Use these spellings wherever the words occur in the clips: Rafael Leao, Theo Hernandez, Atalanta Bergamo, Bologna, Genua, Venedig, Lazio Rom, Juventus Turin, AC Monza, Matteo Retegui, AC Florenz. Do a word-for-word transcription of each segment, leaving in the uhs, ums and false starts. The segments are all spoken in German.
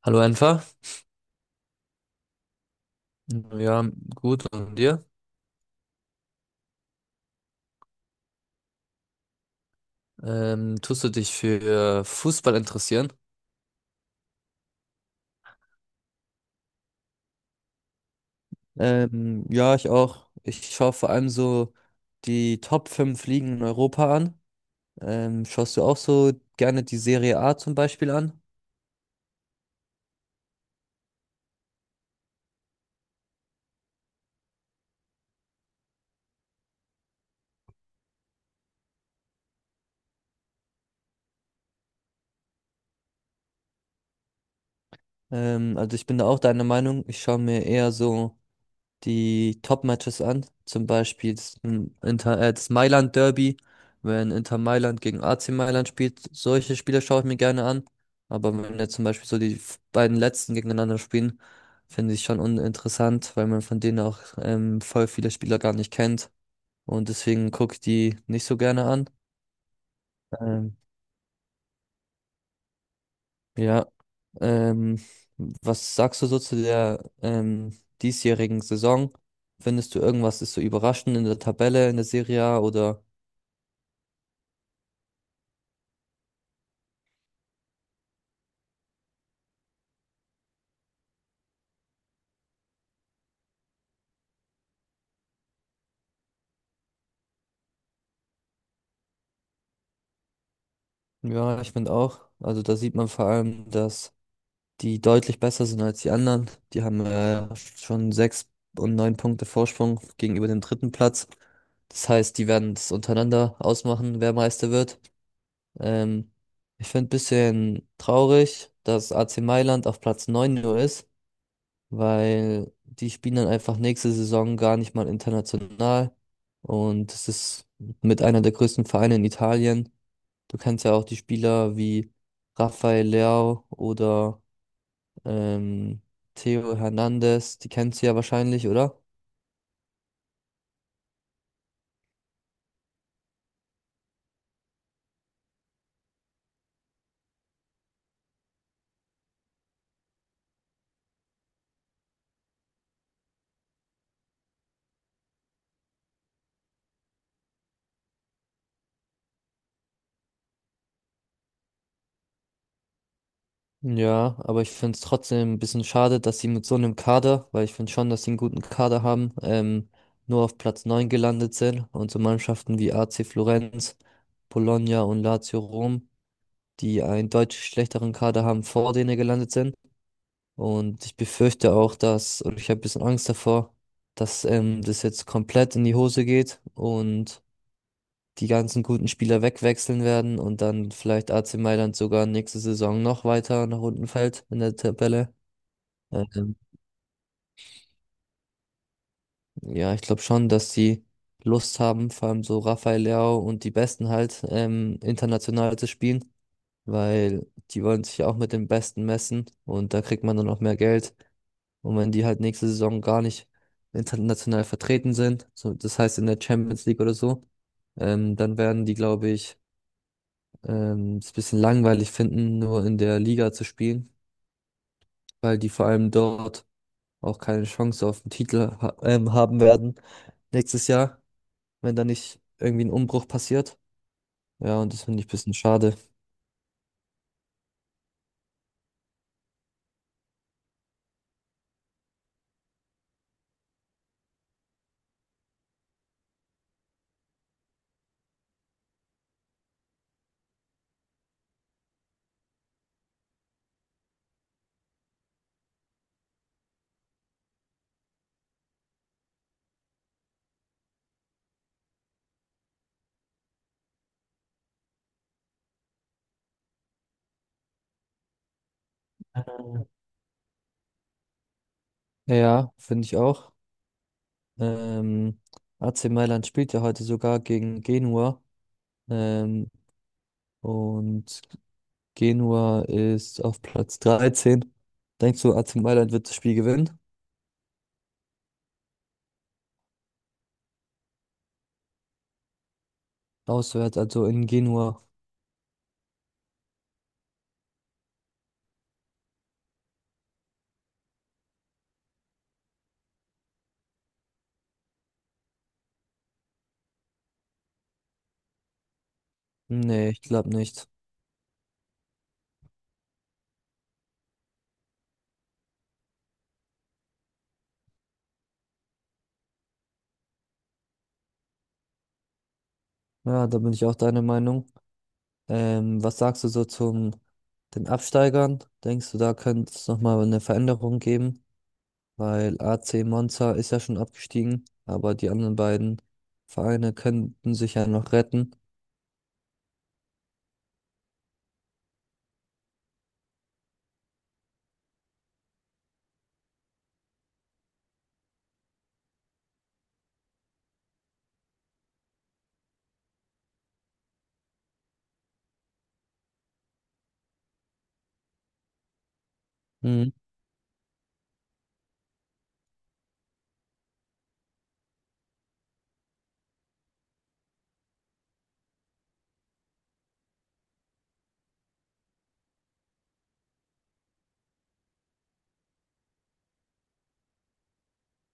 Hallo Enfer. Ja, gut. Und dir? Ähm, tust du dich für Fußball interessieren? Ähm, ja, ich auch. Ich schaue vor allem so die Top fünf Ligen in Europa an. Ähm, schaust du auch so gerne die Serie A zum Beispiel an? Ähm, also ich bin da auch deiner Meinung. Ich schaue mir eher so die Top-Matches an. Zum Beispiel das, m, Inter, äh, das Mailand Derby, wenn Inter Mailand gegen A C Mailand spielt. Solche Spiele schaue ich mir gerne an. Aber wenn jetzt zum Beispiel so die f- beiden letzten gegeneinander spielen, finde ich schon uninteressant, weil man von denen auch ähm, voll viele Spieler gar nicht kennt. Und deswegen gucke ich die nicht so gerne an. Ähm, Ja, ähm, was sagst du so zu der ähm, diesjährigen Saison? Findest du irgendwas ist so überraschend in der Tabelle, in der Serie A oder? Ja, ich finde auch. Also da sieht man vor allem, dass die deutlich besser sind als die anderen. Die haben äh, schon sechs und neun Punkte Vorsprung gegenüber dem dritten Platz. Das heißt, die werden es untereinander ausmachen, wer Meister wird. Ähm, ich finde ein bisschen traurig, dass A C Mailand auf Platz neun nur ist, weil die spielen dann einfach nächste Saison gar nicht mal international. Und es ist mit einer der größten Vereine in Italien. Du kennst ja auch die Spieler wie Rafael Leao oder ähm, Theo Hernandez, die kennst du ja wahrscheinlich, oder? Ja, aber ich finde es trotzdem ein bisschen schade, dass sie mit so einem Kader, weil ich finde schon, dass sie einen guten Kader haben, ähm, nur auf Platz neun gelandet sind und so Mannschaften wie A C Florenz, Bologna und Lazio Rom, die einen deutlich schlechteren Kader haben, vor denen gelandet sind. Und ich befürchte auch, dass, oder ich habe ein bisschen Angst davor, dass ähm, das jetzt komplett in die Hose geht und die ganzen guten Spieler wegwechseln werden und dann vielleicht A C Mailand sogar nächste Saison noch weiter nach unten fällt in der Tabelle. Ähm, ja, ich glaube schon, dass die Lust haben, vor allem so Rafael Leao und die Besten halt ähm, international zu spielen, weil die wollen sich ja auch mit den Besten messen und da kriegt man dann auch mehr Geld. Und wenn die halt nächste Saison gar nicht international vertreten sind, so, das heißt in der Champions League oder so, ähm, dann werden die, glaube ich, ähm, es ein bisschen langweilig finden, nur in der Liga zu spielen, weil die vor allem dort auch keine Chance auf den Titel ha ähm, haben werden nächstes Jahr, wenn da nicht irgendwie ein Umbruch passiert. Ja, und das finde ich ein bisschen schade. Ja, finde ich auch. Ähm, A C Mailand spielt ja heute sogar gegen Genua. Ähm, und Genua ist auf Platz dreizehn. Denkst du, A C Mailand wird das Spiel gewinnen? Auswärts, also in Genua. Nee, ich glaube nicht. Ja, da bin ich auch deiner Meinung. Ähm, was sagst du so zum den Absteigern? Denkst du, da könnte es nochmal eine Veränderung geben? Weil A C Monza ist ja schon abgestiegen, aber die anderen beiden Vereine könnten sich ja noch retten. Mhm.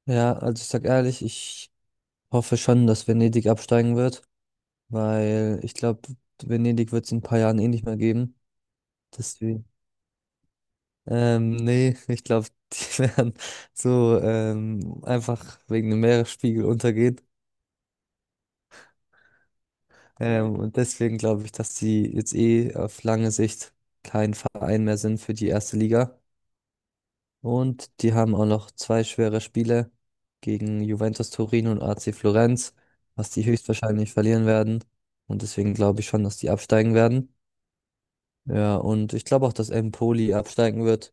Ja, also ich sag ehrlich, ich hoffe schon, dass Venedig absteigen wird, weil ich glaube, Venedig wird es in ein paar Jahren eh nicht mehr geben. Deswegen. Ähm, nee, ich glaube, die werden so ähm, einfach wegen dem Meeresspiegel untergehen. Ähm, und deswegen glaube ich, dass sie jetzt eh auf lange Sicht kein Verein mehr sind für die erste Liga. Und die haben auch noch zwei schwere Spiele gegen Juventus Turin und A C Florenz, was die höchstwahrscheinlich verlieren werden. Und deswegen glaube ich schon, dass die absteigen werden. Ja, und ich glaube auch, dass Empoli absteigen wird.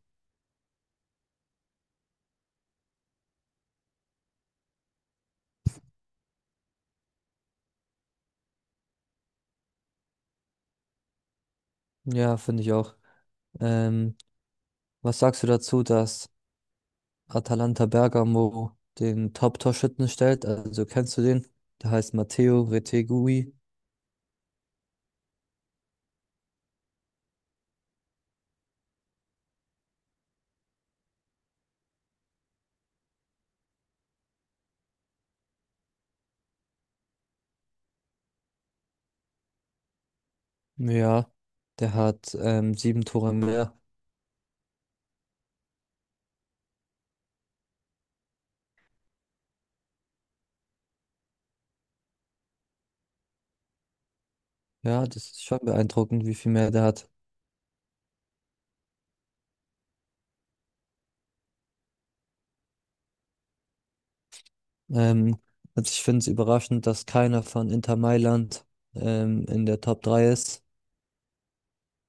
Ja, finde ich auch. Ähm, was sagst du dazu, dass Atalanta Bergamo den Top-Torschützen stellt? Also kennst du den? Der heißt Matteo Retegui. Ja, der hat ähm, sieben Tore mehr. Ja, das ist schon beeindruckend, wie viel mehr der hat. Ähm, also ich finde es überraschend, dass keiner von Inter Mailand ähm, in der Top drei ist,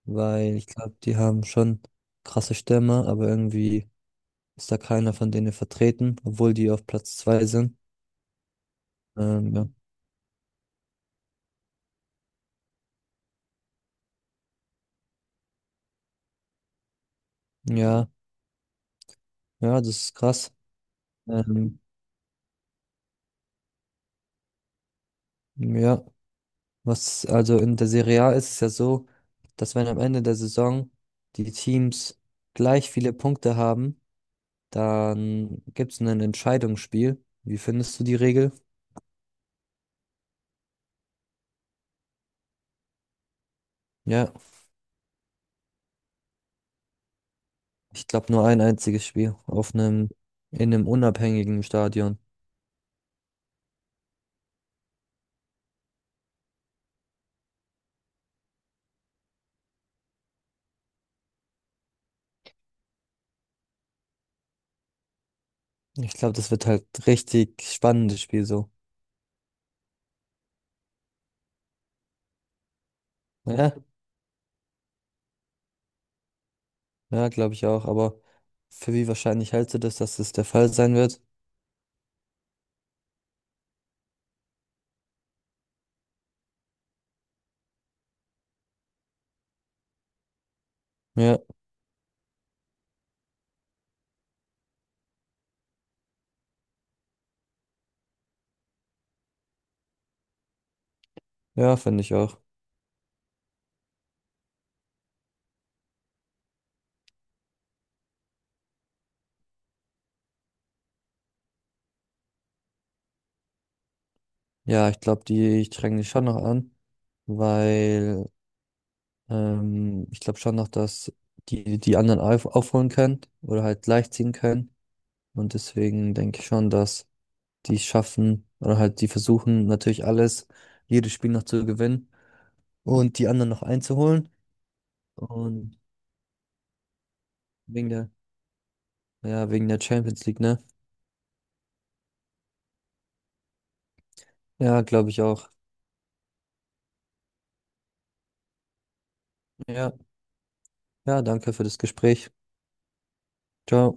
weil ich glaube, die haben schon krasse Stürmer, aber irgendwie ist da keiner von denen vertreten, obwohl die auf Platz zwei sind. Ähm, ja. Ja, ja, das ist krass. Ähm, ja, was also in der Serie A ist es ja so, dass wenn am Ende der Saison die Teams gleich viele Punkte haben, dann gibt es ein Entscheidungsspiel. Wie findest du die Regel? Ja, ich glaube nur ein einziges Spiel auf einem in einem unabhängigen Stadion. Ich glaube, das wird halt richtig spannendes Spiel so. Ja. Ja, glaube ich auch, aber für wie wahrscheinlich hältst du das, dass das der Fall sein wird? Ja, ja, finde ich auch. Ja, ich glaube, die ich drängen dich schon noch an, weil ähm, ich glaube schon noch, dass die die anderen auf, aufholen können oder halt gleichziehen können. Und deswegen denke ich schon, dass die es schaffen oder halt die versuchen natürlich alles, jedes Spiel noch zu gewinnen und die anderen noch einzuholen. Und wegen der, ja, wegen der Champions League, ne? Ja, glaube ich auch. Ja. Ja, danke für das Gespräch. Ciao.